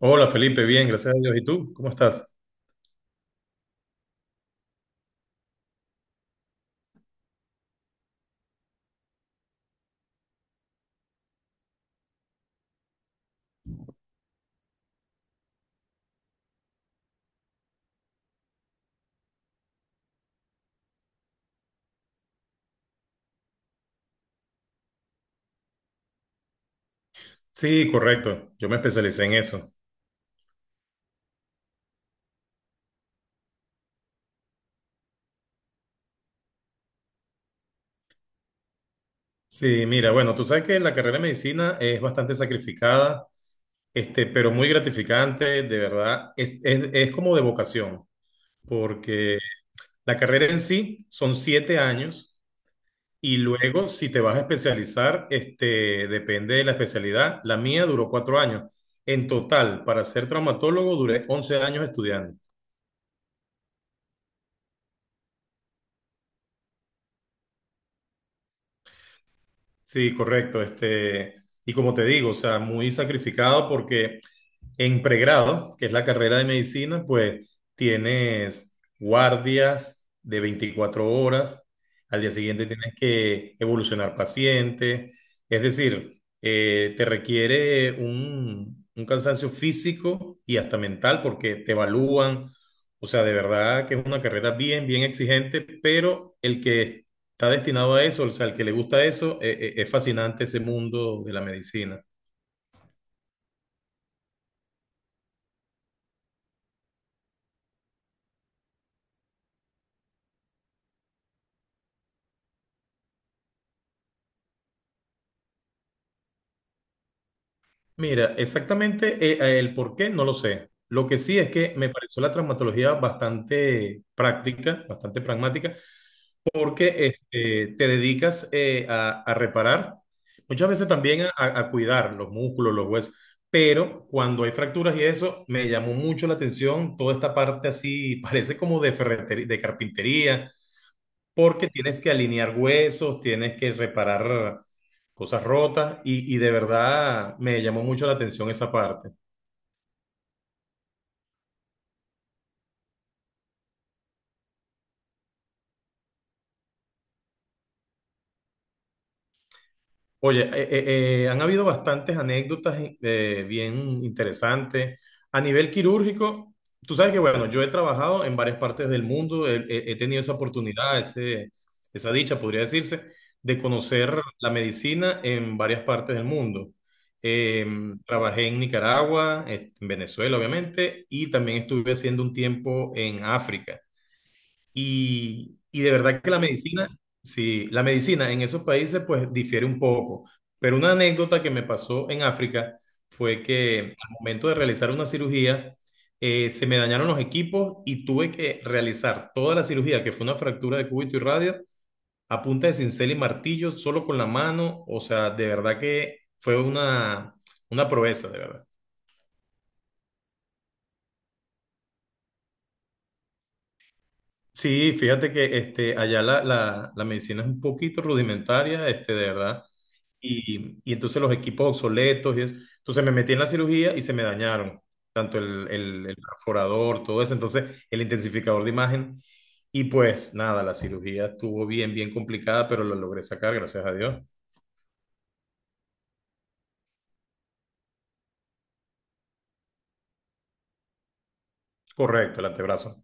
Hola Felipe, bien, gracias a Dios. ¿Y tú? ¿Cómo estás? Sí, correcto. Yo me especialicé en eso. Sí, mira, bueno, tú sabes que la carrera de medicina es bastante sacrificada, pero muy gratificante, de verdad. Es como de vocación, porque la carrera en sí son 7 años, y luego si te vas a especializar, depende de la especialidad. La mía duró 4 años. En total, para ser traumatólogo, duré 11 años estudiando. Sí, correcto. Y como te digo, o sea, muy sacrificado porque en pregrado, que es la carrera de medicina, pues tienes guardias de 24 horas. Al día siguiente tienes que evolucionar pacientes, es decir, te requiere un cansancio físico y hasta mental porque te evalúan. O sea, de verdad que es una carrera bien, bien exigente, pero el que está destinado a eso, o sea, el que le gusta eso, es fascinante ese mundo de la medicina. Mira, exactamente, el por qué no lo sé. Lo que sí es que me pareció la traumatología bastante práctica, bastante pragmática, porque te dedicas, a reparar, muchas veces también a cuidar los músculos, los huesos, pero cuando hay fracturas y eso, me llamó mucho la atención toda esta parte así, parece como de ferretería, de carpintería, porque tienes que alinear huesos, tienes que reparar cosas rotas y de verdad me llamó mucho la atención esa parte. Oye, han habido bastantes anécdotas, bien interesantes. A nivel quirúrgico, tú sabes que, bueno, yo he trabajado en varias partes del mundo. He tenido esa oportunidad, esa dicha, podría decirse, de conocer la medicina en varias partes del mundo. Eh, Trabajé en Nicaragua, en Venezuela, obviamente, y también estuve haciendo un tiempo en África. Y de verdad que la medicina, sí, la medicina en esos países pues difiere un poco. Pero una anécdota que me pasó en África fue que al momento de realizar una cirugía, se me dañaron los equipos y tuve que realizar toda la cirugía, que fue una fractura de cúbito y radio, a punta de cincel y martillo, solo con la mano. O sea, de verdad que fue una proeza, de verdad. Sí, fíjate que allá la medicina es un poquito rudimentaria, de verdad. Y entonces los equipos obsoletos y eso. Entonces me metí en la cirugía y se me dañaron tanto el perforador, todo eso, entonces el intensificador de imagen. Y pues nada, la cirugía estuvo bien, bien complicada, pero lo logré sacar, gracias a Dios. Correcto, el antebrazo.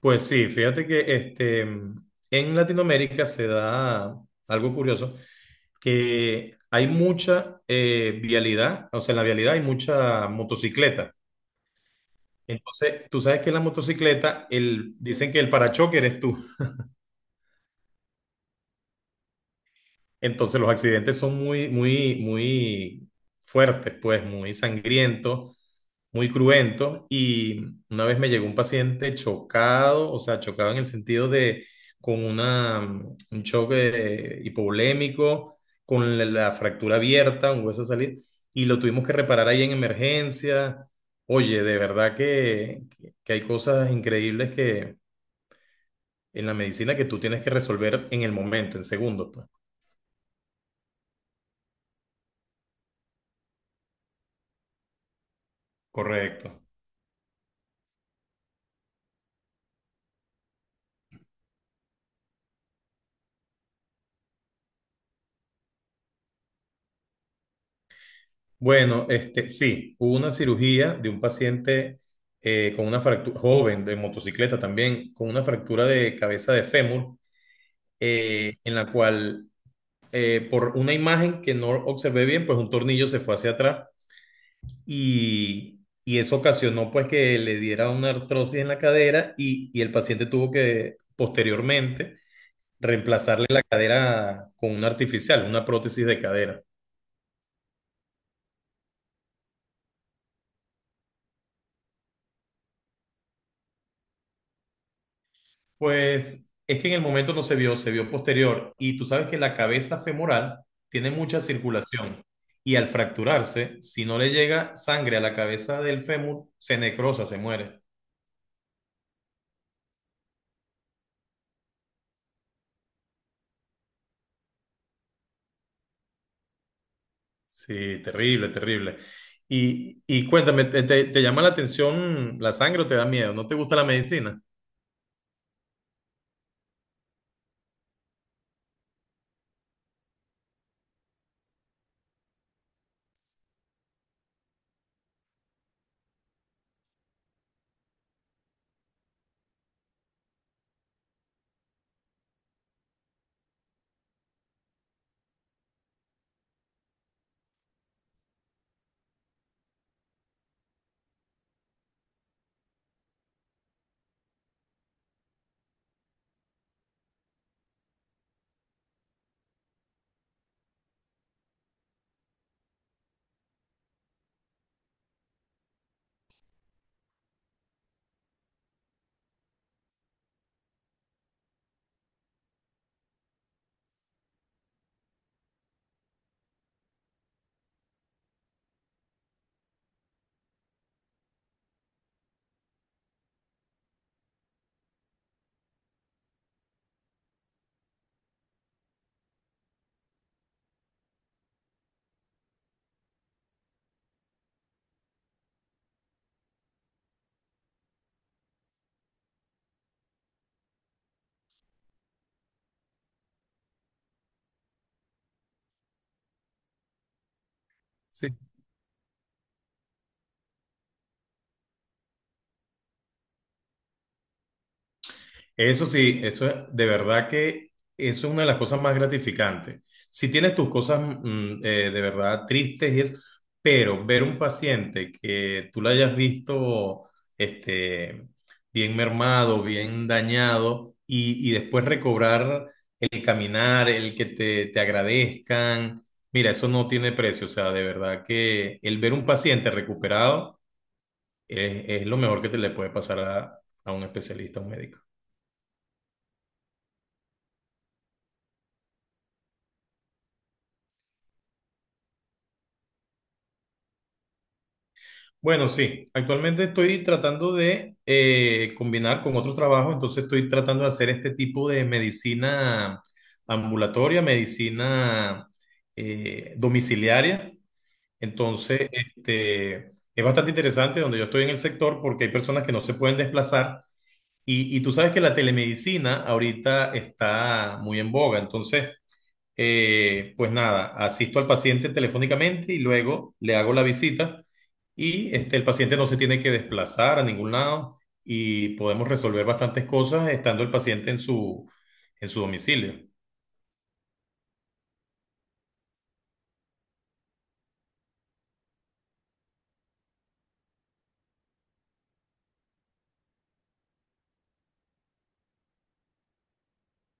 Pues sí, fíjate que en Latinoamérica se da algo curioso, que hay mucha, vialidad, o sea, en la vialidad hay mucha motocicleta. Entonces, tú sabes que en la motocicleta, el, dicen que el parachoque eres tú. Entonces los accidentes son muy, muy, muy fuertes, pues muy sangrientos, muy cruentos. Y una vez me llegó un paciente chocado, o sea, chocado en el sentido de con una, un choque hipovolémico, con la fractura abierta, un hueso salir, y lo tuvimos que reparar ahí en emergencia. Oye, de verdad que, hay cosas increíbles que en la medicina que tú tienes que resolver en el momento, en segundos, pues. Correcto. Bueno, sí, hubo una cirugía de un paciente, con una fractura, joven de motocicleta también, con una fractura de cabeza de fémur, en la cual, por una imagen que no observé bien, pues un tornillo se fue hacia atrás y eso ocasionó pues que le diera una artrosis en la cadera, y el paciente tuvo que posteriormente reemplazarle la cadera con una artificial, una prótesis de cadera. Pues es que en el momento no se vio, se vio posterior. Y tú sabes que la cabeza femoral tiene mucha circulación. Y al fracturarse, si no le llega sangre a la cabeza del fémur, se necrosa, se muere. Sí, terrible, terrible. Y cuéntame, te llama la atención la sangre o te da miedo? ¿No te gusta la medicina? Eso sí, de verdad que eso es una de las cosas más gratificantes. Si tienes tus cosas, de verdad tristes y es, pero ver un paciente que tú lo hayas visto, este, bien mermado, bien dañado y después recobrar el caminar, el que te agradezcan, mira, eso no tiene precio. O sea, de verdad que el ver un paciente recuperado es lo mejor que te le puede pasar a un especialista, a un médico. Bueno, sí, actualmente estoy tratando de, combinar con otro trabajo. Entonces estoy tratando de hacer este tipo de medicina ambulatoria, medicina, domiciliaria. Entonces, es bastante interesante donde yo estoy en el sector porque hay personas que no se pueden desplazar, y tú sabes que la telemedicina ahorita está muy en boga. Entonces, pues nada, asisto al paciente telefónicamente y luego le hago la visita, y el paciente no se tiene que desplazar a ningún lado, y podemos resolver bastantes cosas estando el paciente en su domicilio.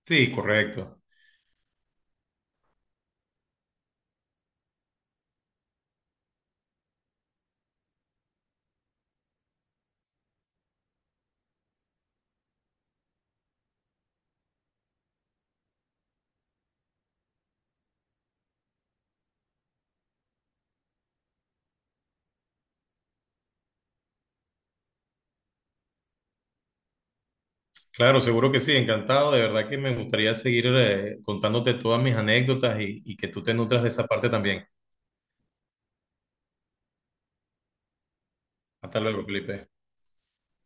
Sí, correcto. Claro, seguro que sí, encantado. De verdad que me gustaría seguir, contándote todas mis anécdotas, y que tú te nutras de esa parte también. Hasta luego, Felipe.